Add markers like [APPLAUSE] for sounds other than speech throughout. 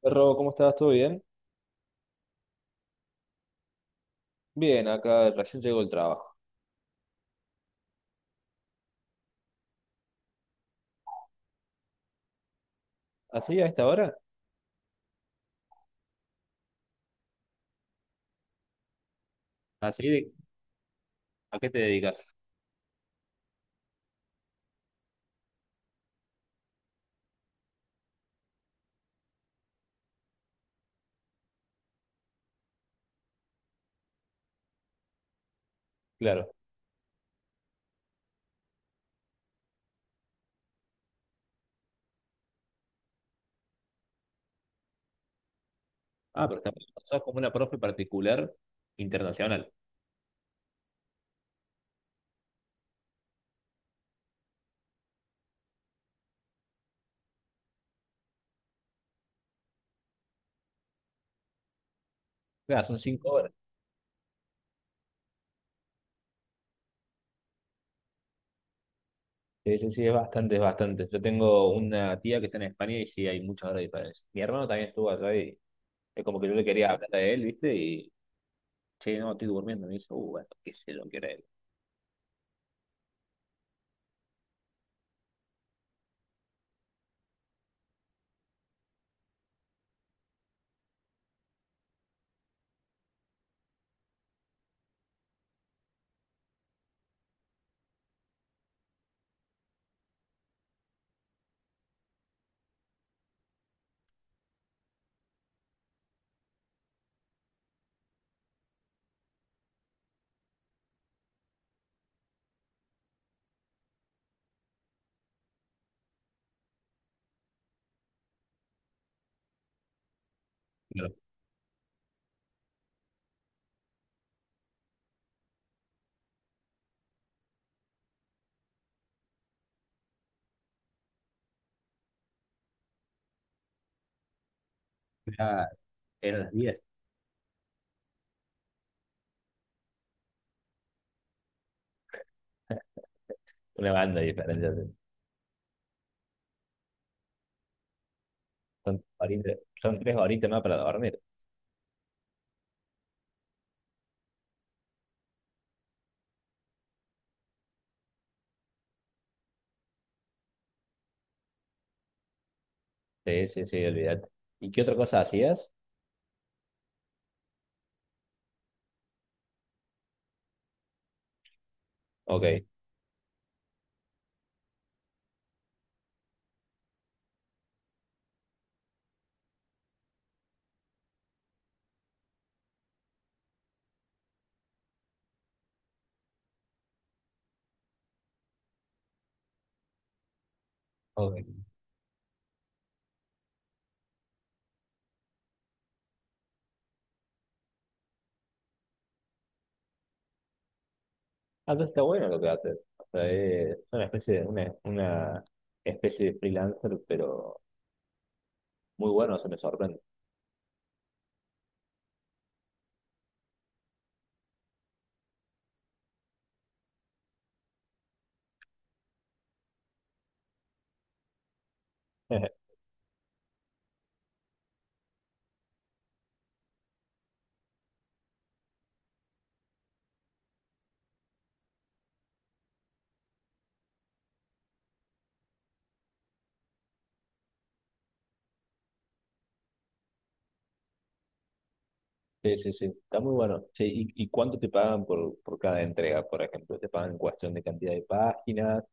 Perro, ¿cómo estás? ¿Todo bien? Bien, acá recién llegó el trabajo. ¿Así a esta hora? ¿Así de- a qué te dedicas? Claro. Ah, pero también sos como una profe particular internacional. Claro, son 5 horas. Sí, sí, sí, es bastante, es bastante. Yo tengo una tía que está en España y sí hay muchas horas de diferencia. Mi hermano también estuvo allá y es como que yo le quería hablar a él, ¿viste? Y, che, no, estoy durmiendo. Me dice, bueno, qué sé lo que era él. Claro, era, eran las 10. Una banda de diferencia, sí. Son, horita- son 3 horitas más para dormir. Sí, sí, sí, olvídate. ¿Y qué otra cosa hacías? Ok, ok. Ah, entonces está bueno lo que haces. O sea, es una especie de freelancer, pero muy bueno, se me sorprende. [LAUGHS] Sí, sí, sí, está muy bueno. Sí, ¿y cuánto te pagan por cada entrega, por ejemplo? ¿Te pagan en cuestión de cantidad de páginas?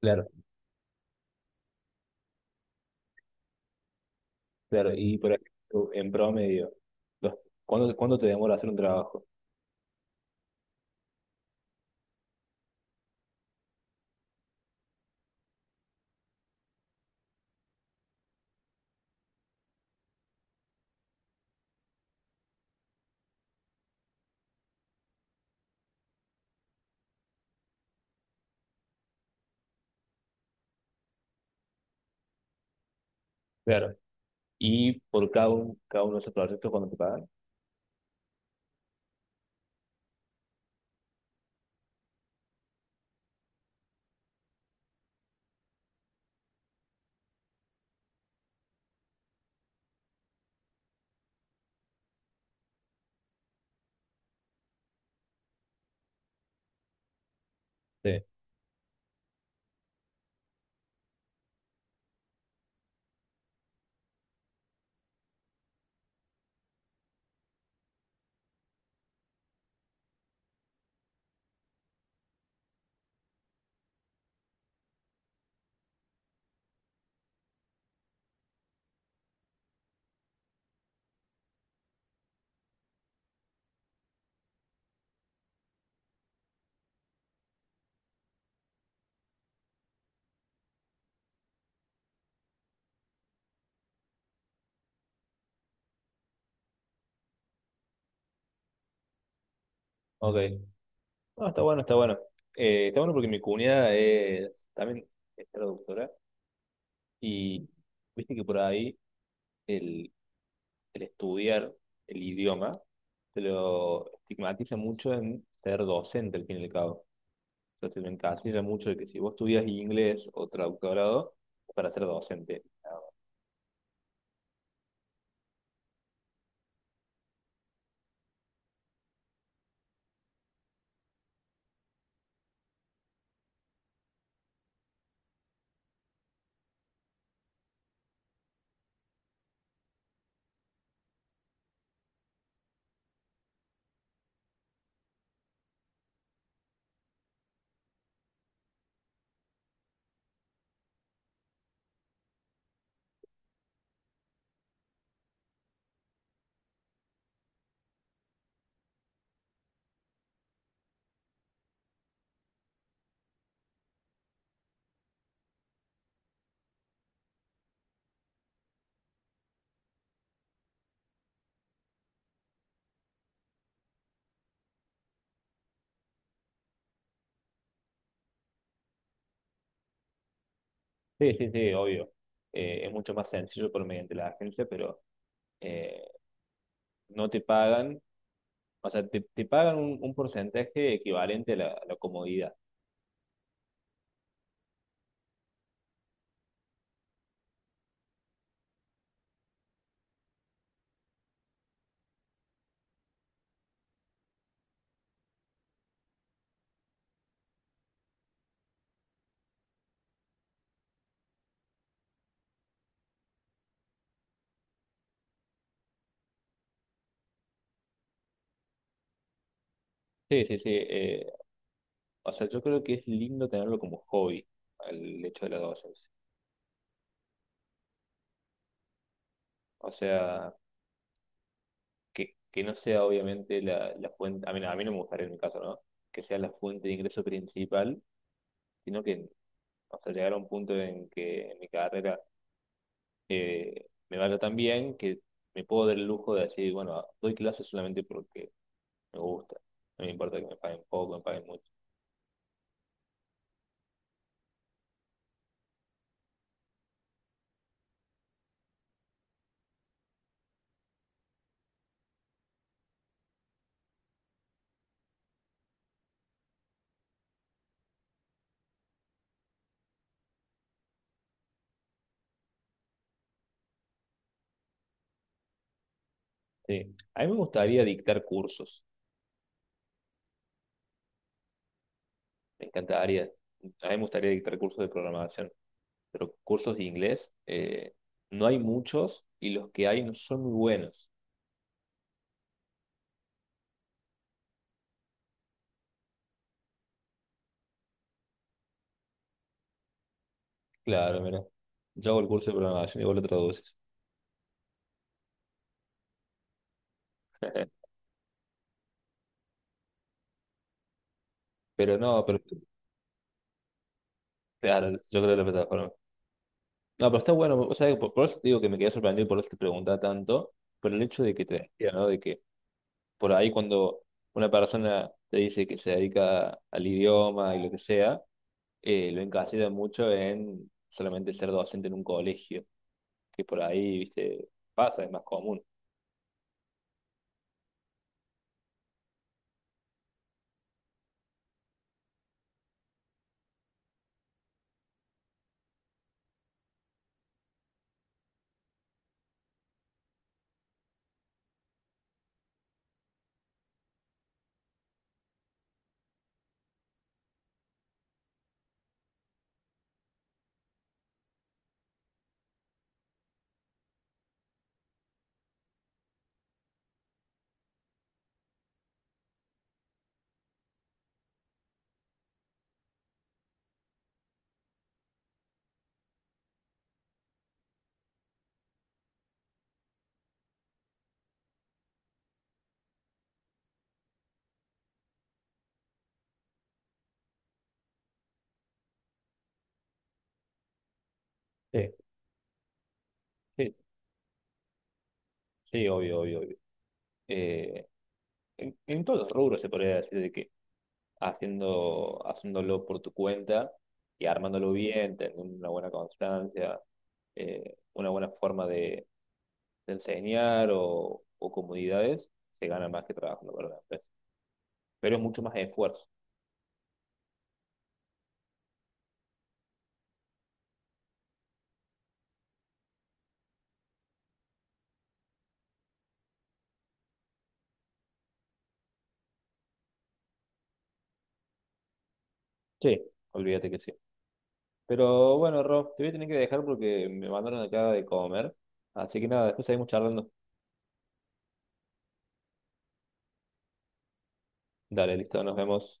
Claro, claro. Y, por ejemplo, en promedio, los- ¿cuánto te demora hacer un trabajo? Claro. ¿Y por cada uno de esos proyectos cuánto te pagan? Sí, ok. No, está bueno, está bueno. Está bueno porque mi cuñada también es traductora y viste que por ahí el, el estudiar el idioma se lo estigmatiza mucho en ser docente al fin y al cabo. Entonces me encasilla mucho de que si vos estudias inglés o traductorado es para ser docente. Sí, sí, sí, obvio. Es mucho más sencillo por mediante la agencia, pero eh, no te pagan, o sea, te pagan un porcentaje equivalente a la comodidad. Sí, sí, sí. O sea, yo creo que es lindo tenerlo como hobby, el hecho de las docencia. O sea, que no sea obviamente la fuente, a mí no me gustaría en mi caso, ¿no? Que sea la fuente de ingreso principal, sino que, o sea, llegar a un punto en que en mi carrera me vaya tan bien que me puedo dar el lujo de decir, bueno, doy clases solamente porque me gusta. No me importa que me paguen poco, me paguen mucho. Sí. A mí me gustaría dictar cursos, me encantaría. A mí me gustaría dictar cursos de programación. Pero cursos de inglés no hay muchos y los que hay no son muy buenos. Claro, mira, yo hago el curso de programación y vos lo traduces. [LAUGHS] Pero no, pero claro, yo creo que la plataforma. No, pero está bueno, o sea, por, eso te digo que me quedé sorprendido por eso te preguntaba tanto, por el hecho de que te decía, ¿no? De que por ahí cuando una persona te dice que se dedica al idioma y lo que sea, lo encasilla mucho en solamente ser docente en un colegio, que por ahí, viste, pasa, es más común. Sí, sí, sí, obvio, obvio, obvio. Eh, en todos los rubros se podría decir de que haciéndolo por tu cuenta y armándolo bien, teniendo una buena constancia, una buena forma de enseñar o comunidades, se gana más que trabajando para una empresa. Pero es mucho más esfuerzo. Sí, olvídate que sí. Pero bueno, Rob, te voy a tener que dejar porque me mandaron acá de comer. Así que nada, después seguimos charlando. Dale, listo, nos vemos.